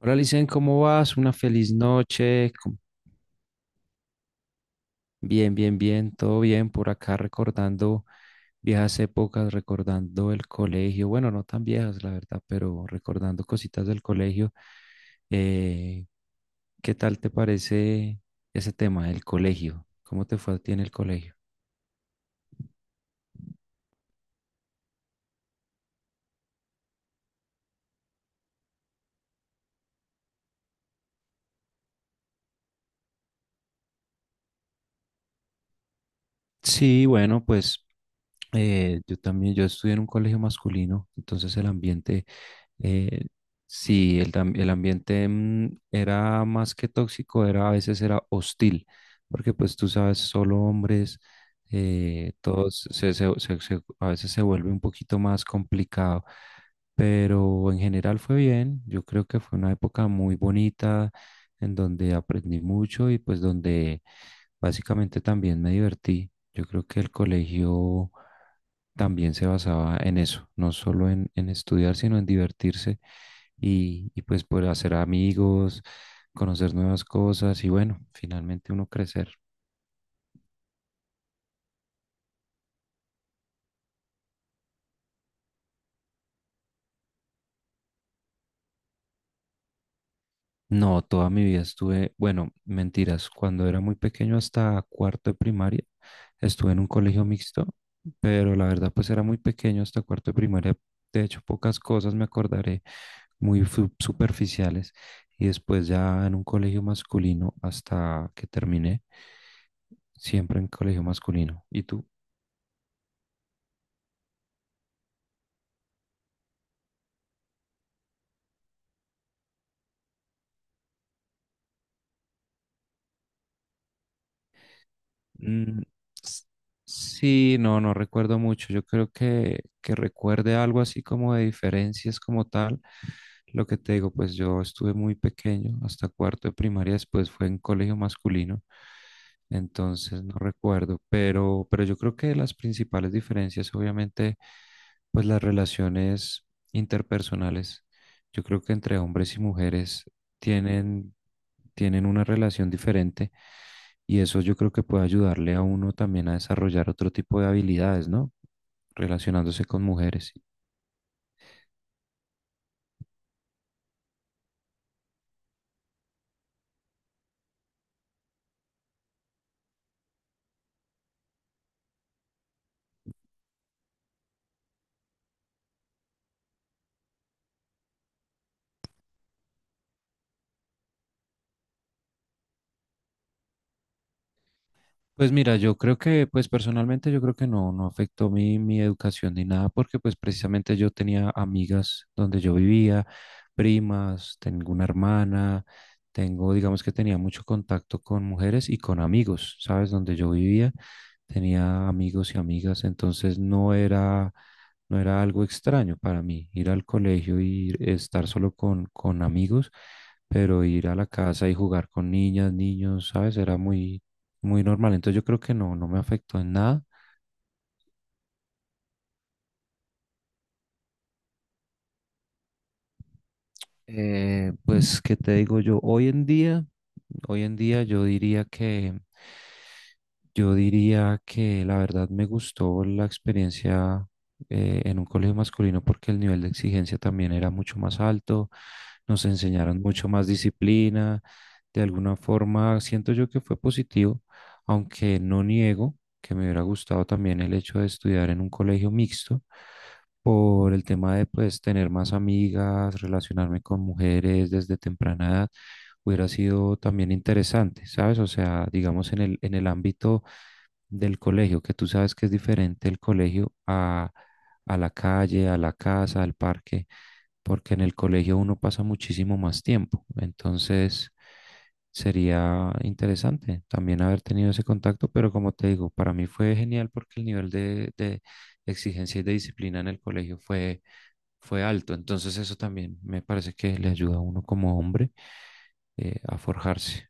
Hola, Licen, ¿cómo vas? Una feliz noche. Bien, bien, bien, todo bien por acá recordando viejas épocas, recordando el colegio. Bueno, no tan viejas, la verdad, pero recordando cositas del colegio. Eh, ¿Qué tal te parece ese tema, el colegio? ¿Cómo te fue a ti en el colegio? Sí, bueno, pues yo también, yo estudié en un colegio masculino, entonces el ambiente, eh, sí, el ambiente era más que tóxico, era a veces era hostil, porque pues tú sabes, solo hombres, todos, a veces se vuelve un poquito más complicado, pero en general fue bien, yo creo que fue una época muy bonita en donde aprendí mucho y pues donde básicamente también me divertí. Yo creo que el colegio también se basaba en eso, no solo en estudiar, sino en divertirse y pues poder hacer amigos, conocer nuevas cosas y bueno, finalmente uno crecer. No, toda mi vida estuve, bueno, mentiras, cuando era muy pequeño hasta cuarto de primaria, estuve en un colegio mixto, pero la verdad pues era muy pequeño hasta cuarto de primaria, de hecho pocas cosas me acordaré muy superficiales y después ya en un colegio masculino hasta que terminé, siempre en colegio masculino. ¿Y tú? Mm, s- sí, no, no recuerdo mucho. Yo creo que recuerde algo así como de diferencias como tal. Lo que te digo, pues yo estuve muy pequeño, hasta cuarto de primaria, después fue en colegio masculino, entonces no recuerdo, pero yo creo que las principales diferencias, obviamente, pues las relaciones interpersonales, yo creo que entre hombres y mujeres tienen, tienen una relación diferente y eso yo creo que puede ayudarle a uno también a desarrollar otro tipo de habilidades, ¿no? Relacionándose con mujeres. Pues mira, yo creo que, pues personalmente yo creo que no, no afectó mi educación ni nada, porque pues precisamente yo tenía amigas donde yo vivía, primas, tengo una hermana, tengo, digamos que tenía mucho contacto con mujeres y con amigos, ¿sabes? Donde yo vivía, tenía amigos y amigas, entonces no era, no era algo extraño para mí ir al colegio y estar solo con amigos, pero ir a la casa y jugar con niñas, niños, ¿sabes? Era muy normal. Entonces yo creo que no, no me afectó en nada. Pues, ¿qué te digo yo? Hoy en día yo diría yo diría que la verdad me gustó la experiencia en un colegio masculino porque el nivel de exigencia también era mucho más alto, nos enseñaron mucho más disciplina, de alguna forma siento yo que fue positivo, aunque no niego que me hubiera gustado también el hecho de estudiar en un colegio mixto por el tema de pues tener más amigas, relacionarme con mujeres desde temprana edad, hubiera sido también interesante, ¿sabes? O sea, digamos en el ámbito del colegio, que tú sabes que es diferente el colegio a la calle, a la casa, al parque, porque en el colegio uno pasa muchísimo más tiempo. Entonces, sería interesante también haber tenido ese contacto, pero como te digo, para mí fue genial porque el nivel de exigencia y de disciplina en el colegio fue alto. Entonces eso también me parece que le ayuda a uno como hombre a forjarse.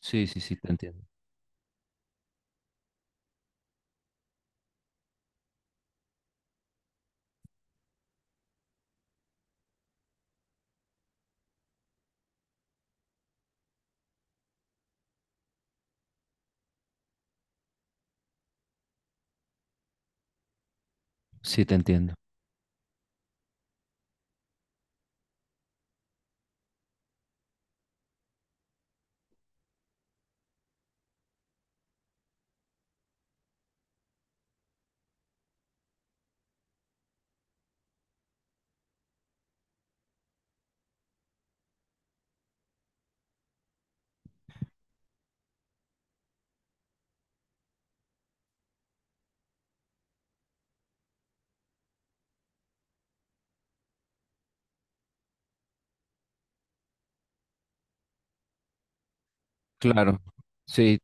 Sí, sí, sí, te entiendo. Sí, te entiendo. Claro. Sí.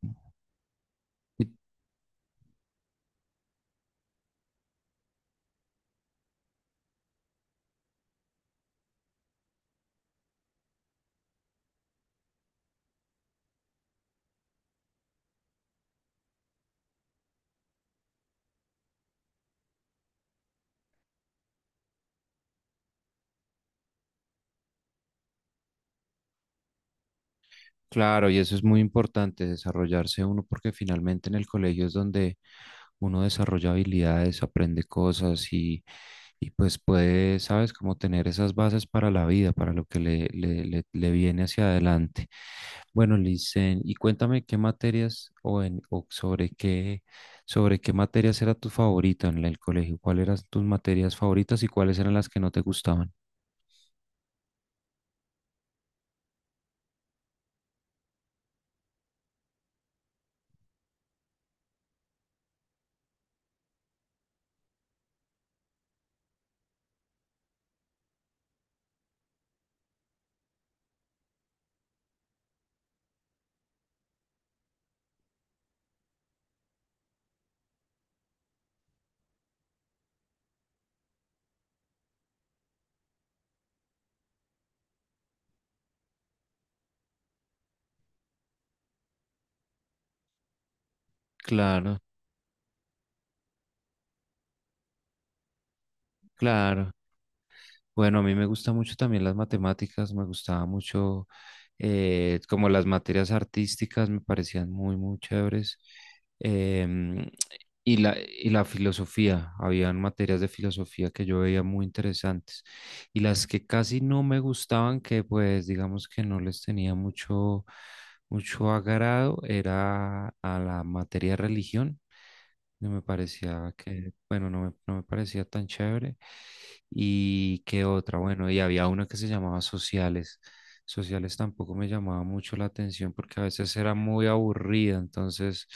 Claro, y eso es muy importante, desarrollarse uno, porque finalmente en el colegio es donde uno desarrolla habilidades, aprende cosas y pues puede, sabes, como tener esas bases para la vida, para lo que le viene hacia adelante. Bueno, Licen, y cuéntame qué materias o, en, o sobre qué materias era tu favorita en el colegio, cuáles eran tus materias favoritas y cuáles eran las que no te gustaban. Claro, claro. Bueno, a mí me gusta mucho también las matemáticas, me gustaba mucho como las materias artísticas, me parecían muy, muy chéveres. Em, y y la filosofía, habían materias de filosofía que yo veía muy interesantes. Y las que casi no me gustaban, que pues digamos que no les tenía mucho agrado, era a la materia de religión. No me parecía que, bueno, no me, no me parecía tan chévere. Y qué otra, bueno, y había una que se llamaba Sociales. Sociales tampoco me llamaba mucho la atención porque a veces era muy aburrida, entonces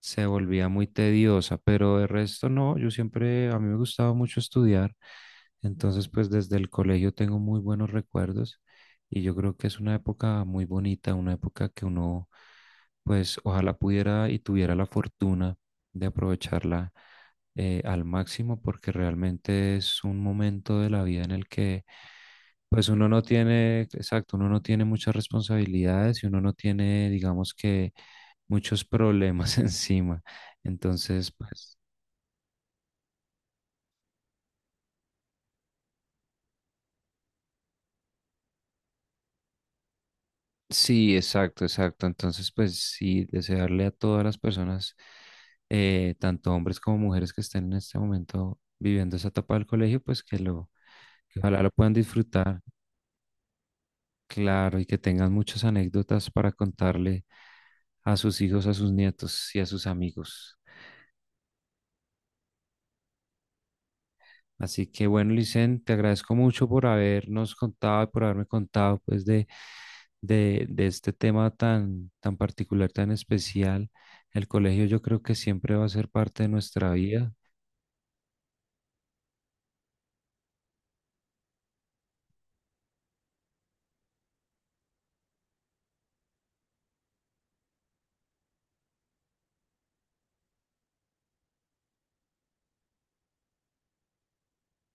se volvía muy tediosa, pero de resto no, yo siempre, a mí me gustaba mucho estudiar, entonces pues desde el colegio tengo muy buenos recuerdos y yo creo que es una época muy bonita, una época que uno pues ojalá pudiera y tuviera la fortuna de aprovecharla al máximo porque realmente es un momento de la vida en el que pues uno no tiene, exacto, uno no tiene muchas responsabilidades y uno no tiene, digamos que muchos problemas encima. Entonces, pues sí, exacto, exacto. Entonces, pues sí, desearle a todas las personas, tanto hombres como mujeres que estén en este momento viviendo esa etapa del colegio, pues que lo, que ojalá lo puedan disfrutar, claro, y que tengan muchas anécdotas para contarle a sus hijos, a sus nietos y a sus amigos. Así que bueno, Licen, te agradezco mucho por habernos contado y por haberme contado pues de este tema tan, tan particular, tan especial. El colegio yo creo que siempre va a ser parte de nuestra vida.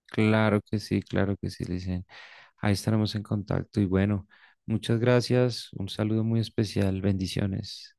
Claro que sí, dicen. Ahí estaremos en contacto y bueno, muchas gracias. Un saludo muy especial. Bendiciones.